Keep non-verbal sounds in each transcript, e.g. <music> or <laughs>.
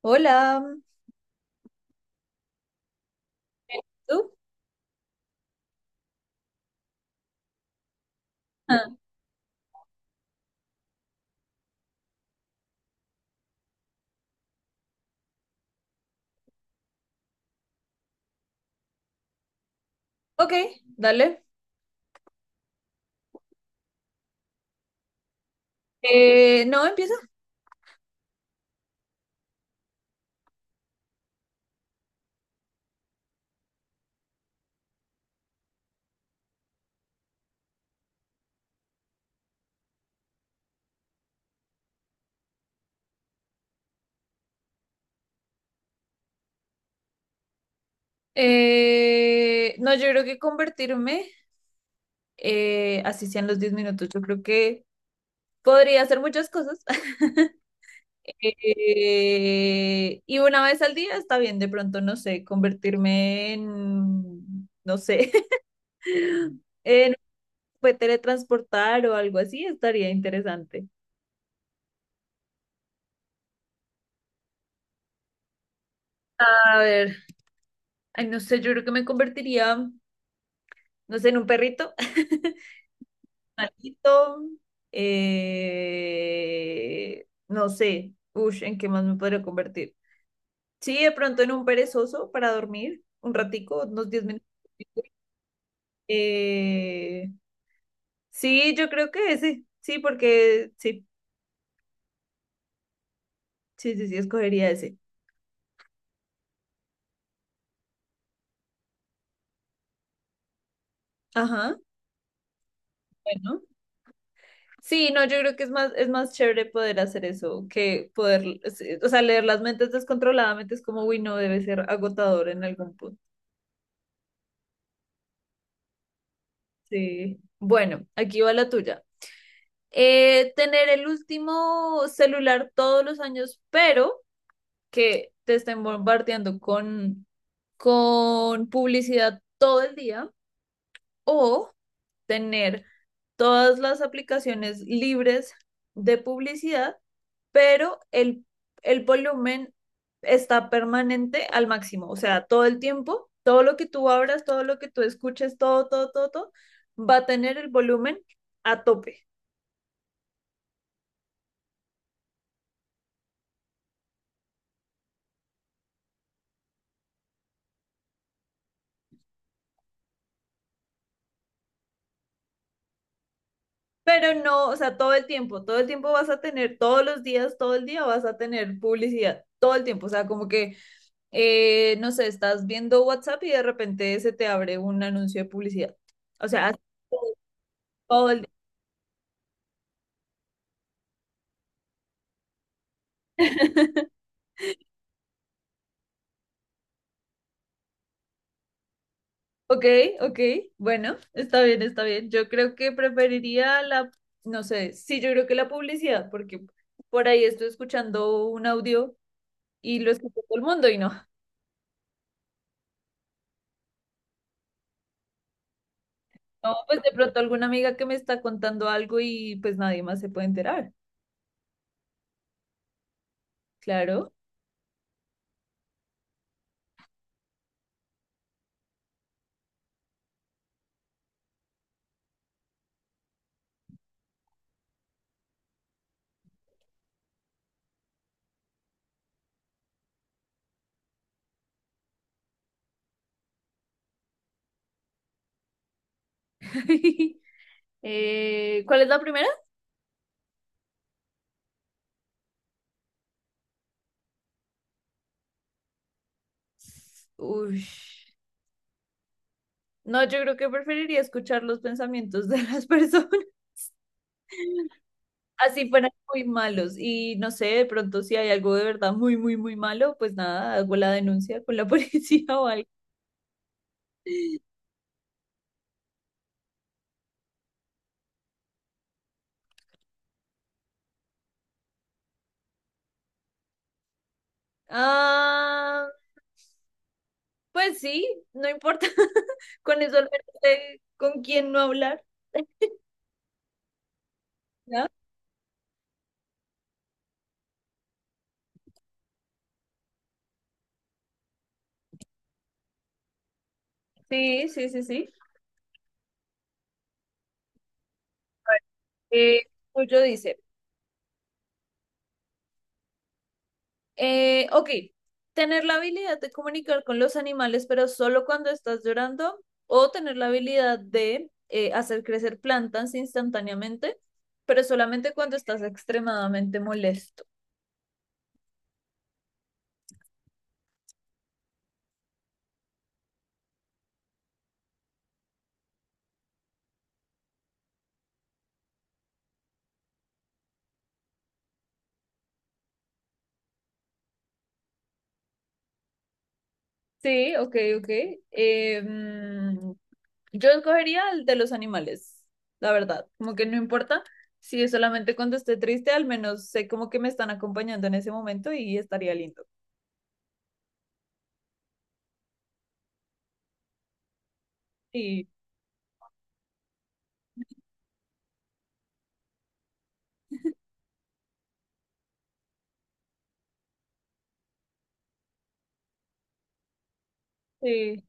Hola, ¿tú? Ah, ok, dale. No, empieza. No, yo creo que convertirme, así sean los 10 minutos, yo creo que podría hacer muchas cosas. <laughs> Y una vez al día está bien, de pronto, no sé, convertirme en, no sé, <laughs> en puede teletransportar o algo así, estaría interesante. A ver, ay, no sé, yo creo que me convertiría, no sé, en un perrito. Animalito, no sé, ush, ¿en qué más me podría convertir? Sí, de pronto en un perezoso para dormir un ratico, unos 10 minutos. Eh, sí, yo creo que ese, sí, porque sí, sí, sí, sí, escogería ese. Ajá, bueno. Sí, no, yo creo que es más chévere poder hacer eso que poder, sí, o sea, leer las mentes descontroladamente es como, uy, no, debe ser agotador en algún punto. Sí. Bueno, aquí va la tuya. Eh, tener el último celular todos los años, pero que te estén bombardeando con publicidad todo el día, o tener todas las aplicaciones libres de publicidad, pero el volumen está permanente al máximo, o sea, todo el tiempo, todo lo que tú abras, todo lo que tú escuches, todo, todo, todo, todo, va a tener el volumen a tope. Pero no, o sea, todo el tiempo vas a tener, todos los días, todo el día vas a tener publicidad, todo el tiempo, o sea, como que, no sé, estás viendo WhatsApp y de repente se te abre un anuncio de publicidad. O sea, así todo todo el día. <laughs> Ok, ok, bueno, está bien, está bien. Yo creo que preferiría la, no sé, sí, yo creo que la publicidad, porque por ahí estoy escuchando un audio y lo escucha todo el mundo y no. No, pues de pronto alguna amiga que me está contando algo y pues nadie más se puede enterar. Claro. <laughs> ¿Cuál es la primera? Uy. No, yo creo que preferiría escuchar los pensamientos de las personas, <laughs> así fueran muy malos. Y no sé, de pronto si hay algo de verdad muy, muy, muy malo, pues nada, hago la denuncia con la <laughs> policía o algo. Ah, pues sí, no importa. <laughs> Con eso al menos sé con quién no hablar. <laughs> ¿no? Sí, sí, sí, sí. Eh, Julio dice, ok, tener la habilidad de comunicar con los animales, pero solo cuando estás llorando, o tener la habilidad de hacer crecer plantas instantáneamente, pero solamente cuando estás extremadamente molesto. Sí, ok, ok. Eh, mm, yo escogería el de los animales, la verdad, como que no importa. Si es solamente cuando esté triste, al menos sé como que me están acompañando en ese momento y estaría lindo. Sí. <laughs> Sí,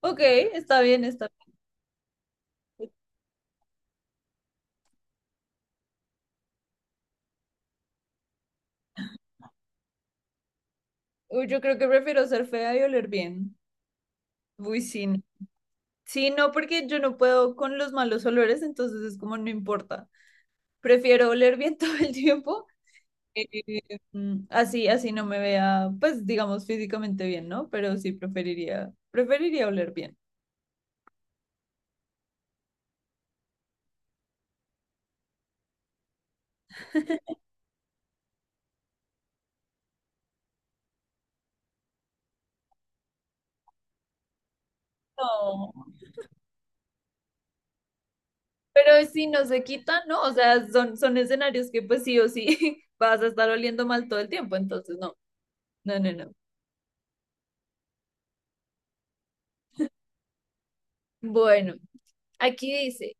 ok, está bien, está bien. Uy, yo creo que prefiero ser fea y oler bien. Uy, sí. No. Sí, no, porque yo no puedo con los malos olores, entonces es como no importa. Prefiero oler bien <laughs> todo el tiempo. eh, así, así no me vea, pues digamos físicamente bien, ¿no? Pero sí preferiría oler bien. <laughs> No, pero si no se quita, ¿no? O sea, son escenarios que pues sí o sí <laughs> vas a estar oliendo mal todo el tiempo, entonces no, no, no, no. Bueno, aquí dice.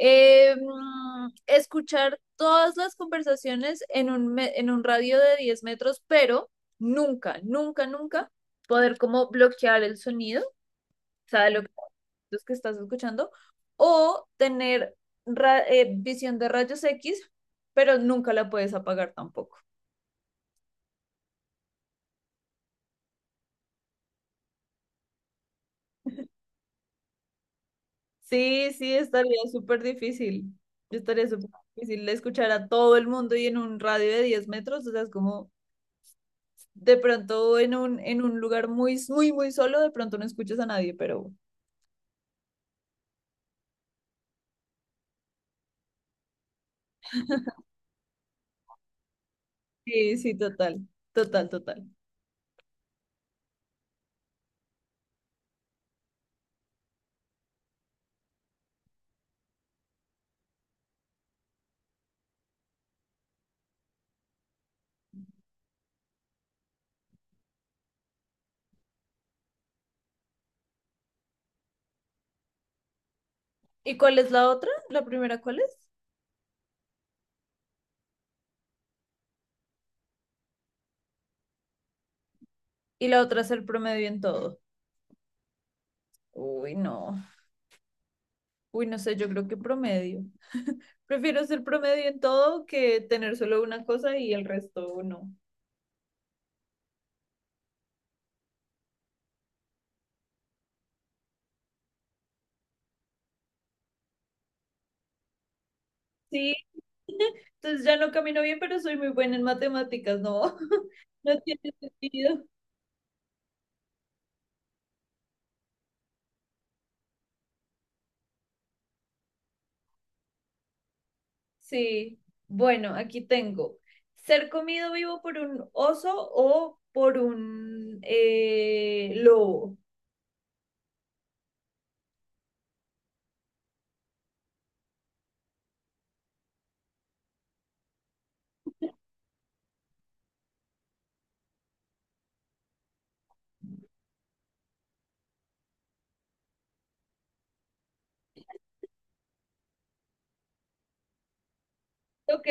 Escuchar todas las conversaciones en un, en un radio de 10 metros, pero nunca, nunca, nunca poder como bloquear el sonido, o sea, de lo que, los que estás escuchando, o tener visión de rayos X, pero nunca la puedes apagar tampoco. Sí, sí, estaría súper difícil. Yo estaría súper difícil escuchar a todo el mundo y en un radio de 10 metros, o sea, es como... de pronto en un lugar muy, muy, muy solo, de pronto no escuchas a nadie, pero sí, sí, total, total, total. ¿Y cuál es la otra? ¿La primera cuál es? Y la otra es el promedio en todo. Uy, no. Uy, no sé, yo creo que promedio. <laughs> Prefiero ser promedio en todo que tener solo una cosa y el resto no. Sí, <laughs> entonces ya no camino bien, pero soy muy buena en matemáticas, no, <laughs> no tiene sentido. Sí, bueno, aquí tengo. Ser comido vivo por un oso o por un lobo. Ok,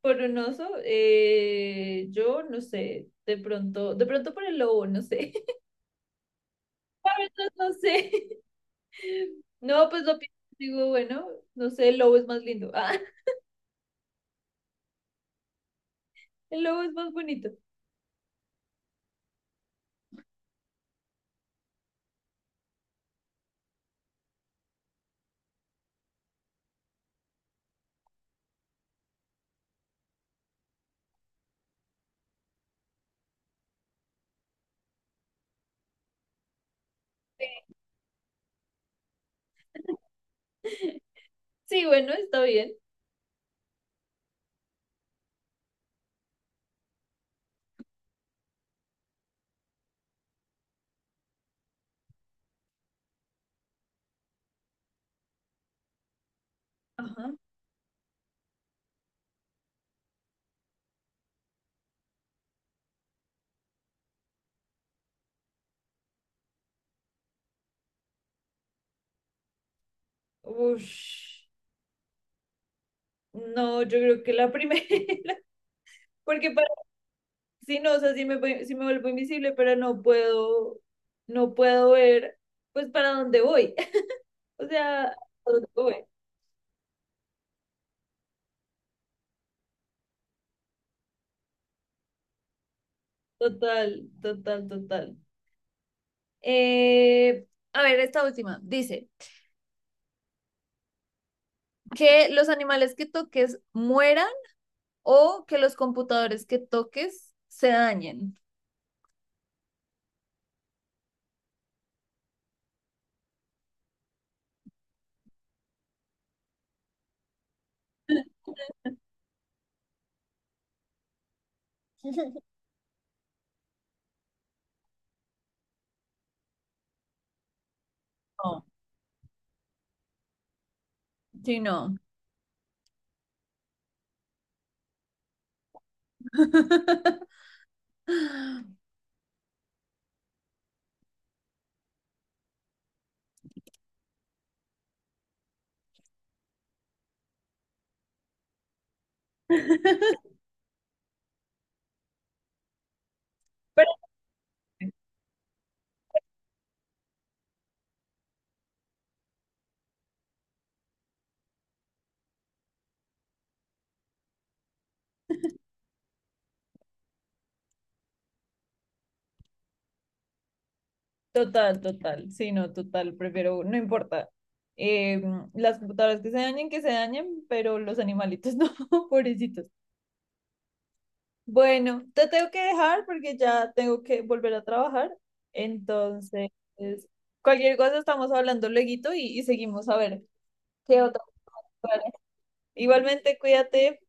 por un oso, yo no sé, de pronto por el lobo, no sé. <laughs> La verdad no sé. No, pues lo pienso, digo, bueno, no sé, el lobo es más lindo. <laughs> Ah, el lobo es más bonito. <laughs> Sí, bueno, está bien. Ajá. Ush. No, yo creo que la primera, <laughs> porque sí, no, o sea, sí me, sí me vuelvo invisible, pero no puedo, no puedo ver, pues, para dónde voy. <laughs> O sea, ¿a dónde voy? Total, total, total. Eh, a ver, esta última. Dice, que los animales que toques mueran o que los computadores que toques se dañen. No, sí, no. <laughs> Pero total, total, sí, no, total, prefiero, no importa. Eh, las computadoras que se dañen, pero los animalitos <laughs> no, pobrecitos. Bueno, te tengo que dejar porque ya tengo que volver a trabajar. Entonces, cualquier cosa estamos hablando lueguito y seguimos a ver qué otra. Igualmente, cuídate.